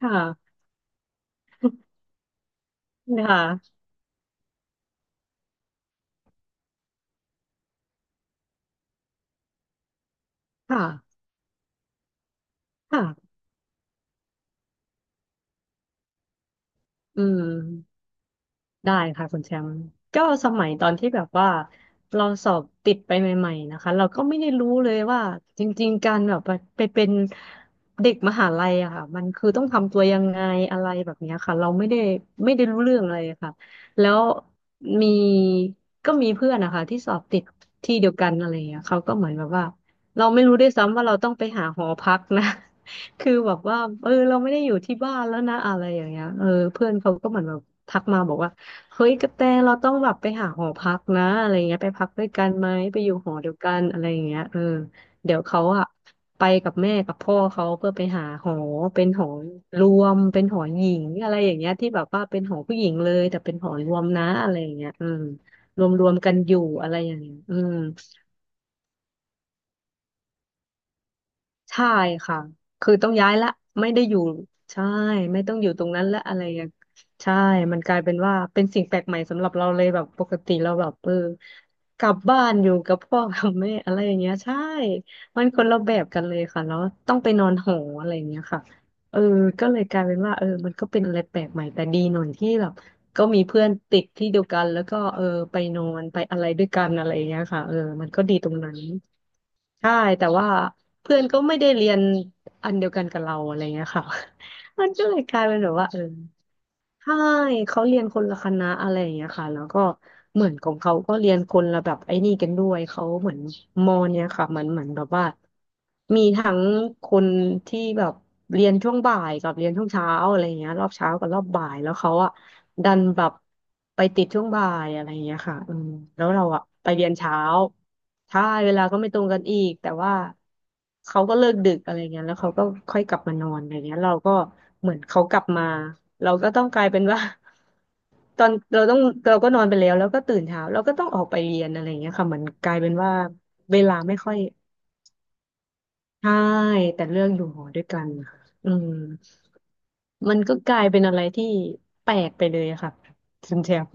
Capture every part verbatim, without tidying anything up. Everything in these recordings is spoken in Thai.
ค่ะค่ะค่ะค่ะอืม ได้ค่ะคุณแชมป์ก็สมัยตอนที่แบบว่าเราสอบติดไปใหม่ๆนะคะเราก็ไม่ได้รู้เลยว่าจริงๆการแบบไปไปเป็นเด็กมหาลัยอะค่ะมันคือต้องทำตัวยังไงอะไรแบบเนี้ยค่ะเราไม่ได้ไม่ได้รู้เรื่องอะไรค่ะแล้วมีก็มีเพื่อนนะคะที่สอบติดที่เดียวกันอะไรอย่างเงี้ยเขาก็เหมือนแบบว่าเราไม่รู้ด้วยซ้ำว่าเราต้องไปหาหอพักนะ คือแบบว่าเออเราไม่ได้อยู่ที่บ้านแล้วนะอะไรอย่างเงี้ยเออเพื่อนเขาก็เหมือนแบบทักมาบอกว่า เฮ้ยกระแตเราต้องแบบไปหาหอพักนะอะไรเงี้ยไปพักด้วยกันไหมไปอยู่หอเดียวกันอะไรอย่างเงี้ยเออเดี๋ยวเขาอะไปกับแม่กับพ่อเขาเพื่อไปหาหอเป็นหอรวมเป็นหอหญิงอะไรอย่างเงี้ยที่แบบว่าเป็นหอผู้หญิงเลยแต่เป็นหอรวมนะอะไรอย่างเงี้ยอืมรวมรวมกันอยู่อะไรอย่างเงี้ยอืม ใช่ค่ะ คือต้องย้ายละไม่ได้อยู่ ใช่ ไม่ต้องอยู่ตรงนั้นละอะไรอย่างใช่มันกลายเป็นว่าเป็นสิ่งแปลกใหม่สำหรับเราเลยแบบปกติเราแบบเออกลับบ้านอยู่กับพ่อกับแม่อะไรอย่างเงี้ยใช่มันคนละแบบกันเลยค่ะแล้วต้องไปนอนหออะไรอย่างเงี้ยค่ะเออก็เลยกลายเป็นว่าเออมันก็เป็นอะไรแปลกใหม่แต่ดีหน่อยที่แบบ ก็มีเพื่อนติดที่เดียวกันแล้วก็เออไปนอนไปอะไรด้วยกันอะไรอย่างเงี้ยค่ะเออมันก็ดีตรงนั้นใช่แต่ว่าเพื่อนก็ไม่ได้เรียนอันเดียวกันกับเราอะไรเงี้ยค่ะ มันก็เลยกลายเป็นแบบว่าเออใช่เขาเรียนคนละคณะอะไรอย่างเงี้ยค่ะแล้วก็เหมือนของเขาก็เรียนคนละแบบไอ้นี่กันด้วยเขาเหมือนมอเนี่ยค่ะเหมันเหมือนแบบว่ามีทั้งคนที่แบบเรียนช่วงบ่ายกับเรียนช่วงเช้าอะไรอย่างเงี้ยรอบเช้ากับรอบบ่ายแล้วเขาอะดันแบบไปติดช่วงบ่ายอะไรอย่างเงี้ยค่ะอืมแล้วเราอะไปเรียนเช้าใช่เวลาก็ไม่ตรงกันอีกแต่ว่า เขาก็เลิกดึกอะไรเงี้ยแล้วเขาก็ค่อยกลับมานอนอะไรเงี้ยเราก็เหมือนเขากลับมาเราก็ต้องกลายเป็นว่า ตอนเราต้องเราก็นอนไปแล้วแล้วก็ตื่นเช้าเราก็ต้องออกไปเรียนอะไรเงี้ยค่ะเหมือนกลายเป็นว่าเวลาไม่ค่อยใช่แต่เรื่องอยู่หอด้วยกันค่ะอืมมันก็กลายเป็นอะไรที่แปลกไปเลยอะค่ะคุณแชมป์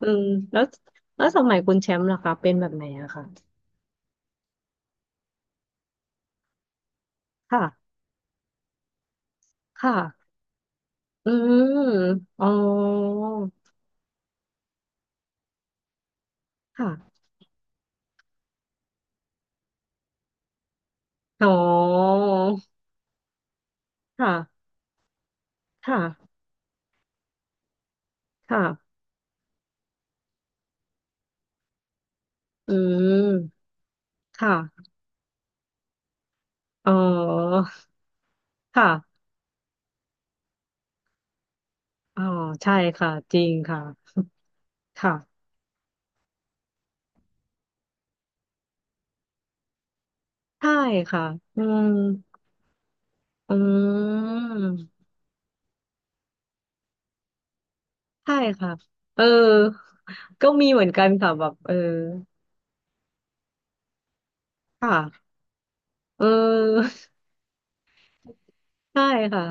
อืมแล้วแล้วสมัยคุณแชมป์ล่ะคะเป็นแบบไหนอะค่ะค่ะค่ะอืมอ๋อค่ะ อ๋อค่ะค่ะค่ะอืมค่ะอ๋อค่ะอ๋อใช่ค่ะจริงค่ะค่ะใช่ค่ะอืมอืมใช่ค่ะเออก็มีเหมือนกันค่ะแบบเออค่ะเออ ใช่ค่ะ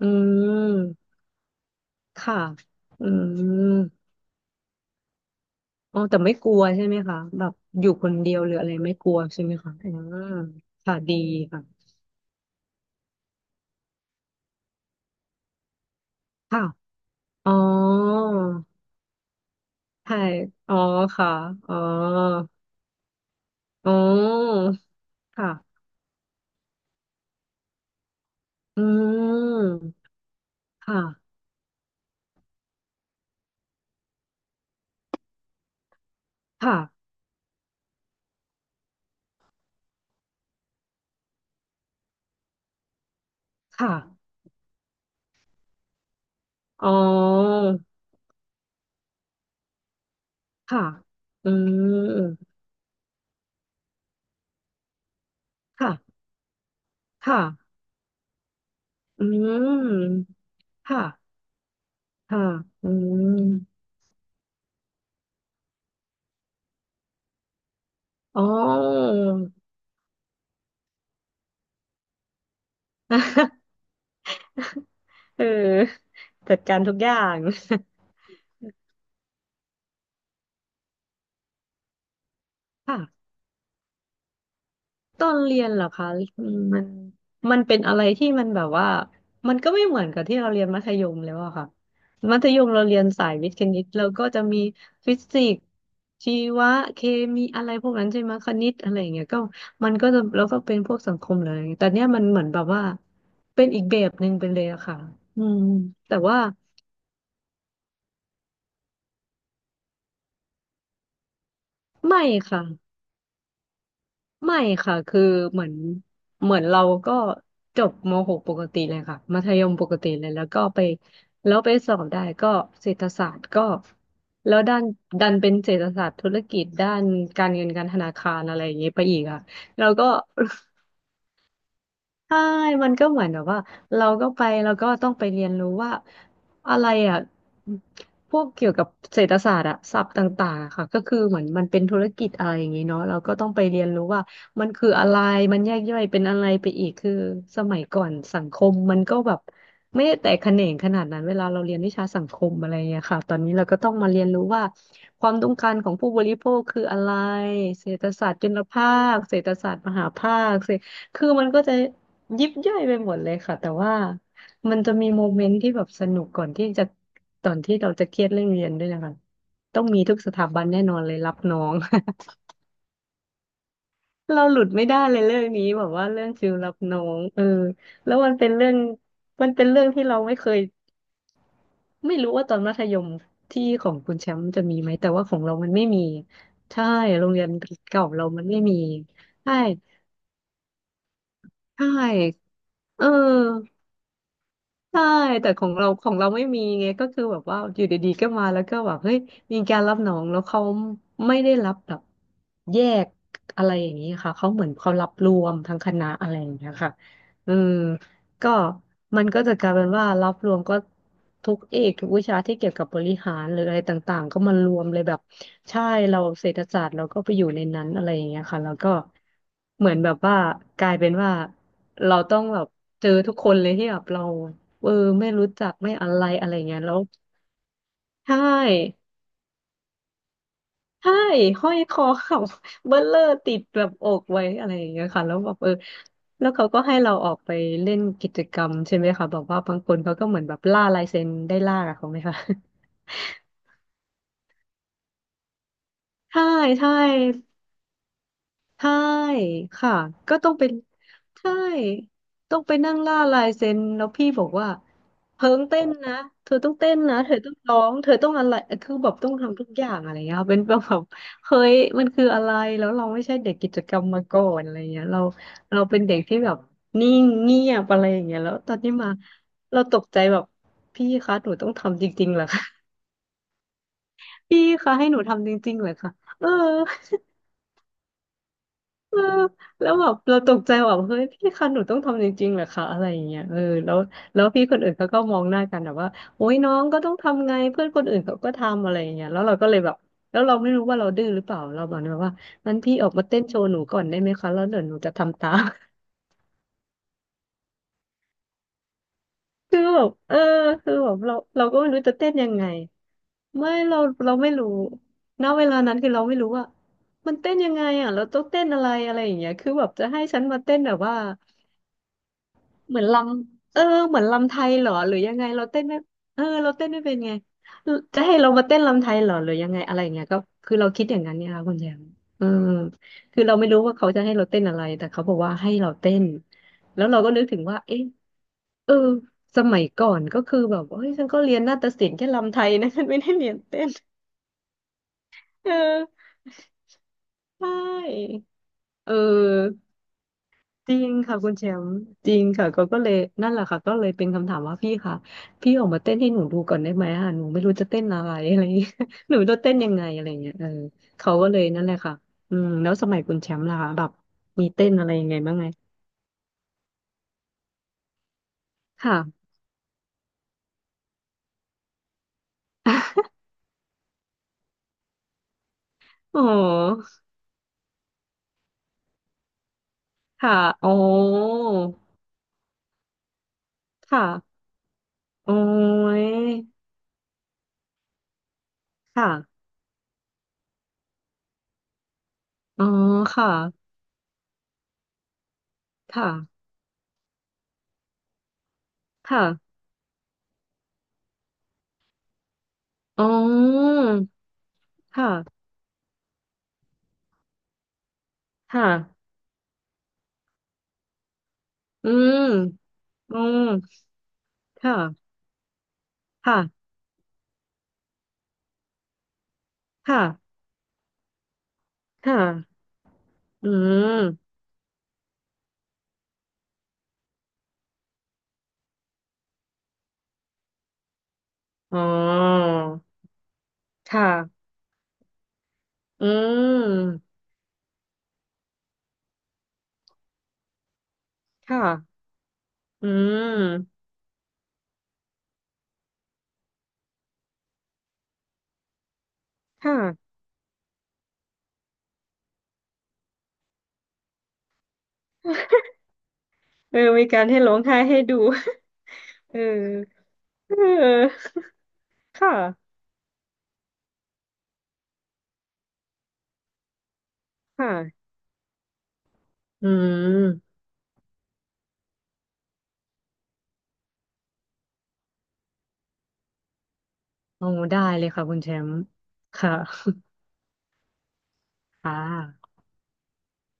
อืมค่ะอืมอ๋อแต่ไม่กลัวใช่ไหมคะแบบอยู่คนเดียวหรืออะไรไม่กลัวใช่ไหมคะอืมค่ะดีค่ะค่ะ อ๋อใช่อ๋อค่ะอ๋ออ๋อค่ะอืมค่ะค่ะค่ะอ๋อค่ะอืมค่ะค่ะอืมค่ะค่ะอืมอ๋อ เออจัดการทุกอย่าง ค่ะ ตอนเรียนเหรอคะอืมมันมันเป็นอะไรที่มันแบบว่ามันก็ไม่เหมือนกับที่เราเรียนมัธยมแล้วอะค่ะมัธยมเราเรียนสายวิทย์คณิตเราก็จะมีฟิสิกส์ชีวะ เคมีอะไรพวกนั้นใช่ไหมคณิตอะไรอย่างเงี้ยก็มันก็จะแล้วก็เป็นพวกสังคมเลยแต่เนี้ยมันเหมือนแบบว่าเป็นอีกแบบหนึ่งไปเลยอะค่ะอืมแต่ว่าไม่ค่ะ ไม่ค่ะคือเหมือนเหมือนเราก็จบม .หก ปกติเลยค่ะมัธยมปกติเลยแล้วก็ไปแล้วไปสอบได้ก็เศรษฐศาสตร์ก็ แล้วด้านดันเป็นเศรษฐศาสตร์ธุรกิจด้านการเงินการธนาคารอะไรอย่างเงี้ยไปอีกอ่ะแล้วก็ ใช่ มันก็เหมือนแบบว่าเราก็ไปแล้วก็ต้องไปเรียนรู้ว่าอะไรอ่ะพวกเกี่ยวกับเศรษฐศาสตร์อะศัพท์ต่างๆอะค่ะก็คือเหมือนมันเป็นธุรกิจอะไรอย่างนี้เนาะเราก็ต้องไปเรียนรู้ว่ามันคืออะไรมันแยกย่อยเป็นอะไรไปอีกคือสมัยก่อนสังคมมันก็แบบไม่ได้แตกแขนงขนาดนั้นเวลาเราเรียนวิชาสังคมอะไรอย่างเงี้ยค่ะตอนนี้เราก็ต้องมาเรียนรู้ว่าความต้องการของผู้บริโภคคืออะไรเศรษฐศาสตร์จุลภาคเศรษฐศาสตร์มหาภาคเศรษฐคือมันก็จะ ยิบย่อยไปหมดเลยค่ะแต่ว่ามันจะมีโมเมนต์ที่แบบสนุกก่อนที่จะตอนที่เราจะเครียดเรื่องเรียนด้วยนะคะต้องมีทุกสถาบันแน่นอนเลยรับน้อง เราหลุดไม่ได้เลยเรื่องนี้แบบว่าเรื่องฟิลรับน้องเออแล้วมันเป็นเรื่องมันเป็นเรื่องที่เราไม่เคยไม่รู้ว่าตอนมัธยมที่ของคุณแชมป์จะมีไหมแต่ว่าของเรามันไม่มีใช่โรงเรียนเก่าเรามันไม่มีใช่ใช่เออ ใช่แต่ของเราของเราไม่มีไงก็คือแบบว่าอยู่ดีๆก็มาแล้วก็แบบเฮ้ยมีการรับน้องแล้วเขาไม่ได้รับแบบแยกอะไรอย่างนี้ค่ะเขาเหมือนเขารับรวมทั้งคณะอะไรอย่างเงี้ยค่ะอืมก็มันก็จะกลายเป็นว่ารับรวมก็ทุกเอกทุกวิชาที่เกี่ยวกับบริหารหรืออะไรต่างๆก็มารวมเลยแบบใช่เราเศรษฐศาสตร์เราก็ไปอยู่ในนั้นอะไรอย่างเงี้ยค่ะแล้วก็เหมือนแบบว่ากลายเป็นว่าเราต้องแบบเจอทุกคนเลยที่แบบเรา เออไม่รู้จักไม่อะไรอะไรเงี้ยแล้วใช่ใช่ห้อยคอเขา เบลเลอร์ติดแบบอกไว้อะไรอย่างเงี้ยค่ะแล้วแบบเออแล้วเขาก็ให้เราออกไปเล่นกิจกรรมใช่ไหมคะแบอกว่าบางคนเขาก็เหมือนแบบล่าลายเซ็นได้ล่ากับเขาไหมคะ ใช่ใช่ ใช่ค่ะก็ต้องเป็นใช่ต้องไปนั่งล่าลายเซ็นแล้วพี่บอกว่าเพิงเต้นนะเธอต้องเต้นนะเธอต้องร้องเธอต้องอะไรคือแบบต้องทำทุกอย่างอะไรเงี้ยค่ะเป็นแบบแบบเฮ้ยมันคืออะไรแล้วเราไม่ใช่เด็กกิจกรรมมาก่อนอะไรเงี้ยเราเราเป็นเด็กที่แบบนิ่งเงียบอะไรอย่างเงี้ยแล้วตอนนี้มาเราตกใจแบบพี่คะหนูต้องทำจริงๆเหรอคะ พี่คะให้หนูทำจริงๆเหรอคะเออ เออแล้วแบบเราตกใจว่าแบบเฮ้ยพี่คะหนูต้องทำจริงๆเหรอคะอะไรอย่างเงี้ยเออแล้วแล้วพี่คนอื่นเขาก็มองหน้ากันแบบว่าโอ๊ยน้องก็ต้องทำไงเพื่อนคนอื่นเขาก็ทำอะไรอย่างเงี้ยแล้วเราก็เลยแบบแล้วเราไม่รู้ว่าเราดื้อหรือเปล่าเราบอกเลยว่างั้นพี่ออกมาเต้นโชว์หนูก่อนได้ไหมคะแล้วเดี๋ยวหนูจะทำตาม คือแบบเออคือแบบเราเราก็ไม่รู้จะเต้นยังไงไม่เราเราไม่รู้ณเวลานั้นคือเราไม่รู้ว่ามันเต้นยังไงอ่ะเราต้องเต้นอะไรอะไรอย่างเงี้ยคือแบบจะให้ฉันมาเต้นแบบว่า เหมือนลำเออเหมือนลำไทยเหรอหรือยังไงเราเต้นไม่เออเราเต้นไม่เป็นไงจะให้เรามาเต้นลำไทยเหรอหรือยังไงอะไรอย่างเงี้ยก็คือเราคิดอย่างนั้นเนี่ยค่ะคุณแจมเออคือเราไม่รู้ว่าเขาจะให้เราเต้นอะไรแต่เขาบอกว่าให้เราเต้นแล้วเราก็นึกถึงว่าเอ๊ะเออสมัยก่อนก็คือแบบเฮ้ยฉันก็เรียนนาฏศิลป์แค่ลำไทยนะฉันไม่ได้เรียนเต้น เออใช่เออ จริงค่ะคุณแชมป์จริงค่ะก็ก็เลยนั่นแหละค่ะก็เลยเป็นคำถามว่าพี่ค่ะพี่ออกมาเต้นให้หนูดูก่อนได้ไหมอ่ะหนูไม่รู้จะเต้นอะไร อะไรอย่างเงี้ยหนูจะเต้นยังไงอะไรอย่างเงี้ยเออเขาก็เลยนั่นแหละค่ะอืมแล้วสมัยคุณแชมป์ล่ะคะแบบมีเต้นอะไรยังไงบ้างไงค่ะอ๋อค่ะอ๋อค่ะโอ้ยค่ะอ๋อค่ะค่ะค่ะอ๋อค่ะค่ะอืมอืมค่ะค่ะค่ะ ค่ะอืมอ๋อค่ะ อืม ค่ะ อืม ค่ะ เออมีการให้ร้องไห้ให้ดู เออ เออค่ะค่ะ อืม โอ้ ได้เลยค่ะคุณแชมป์ค่ะค่ะ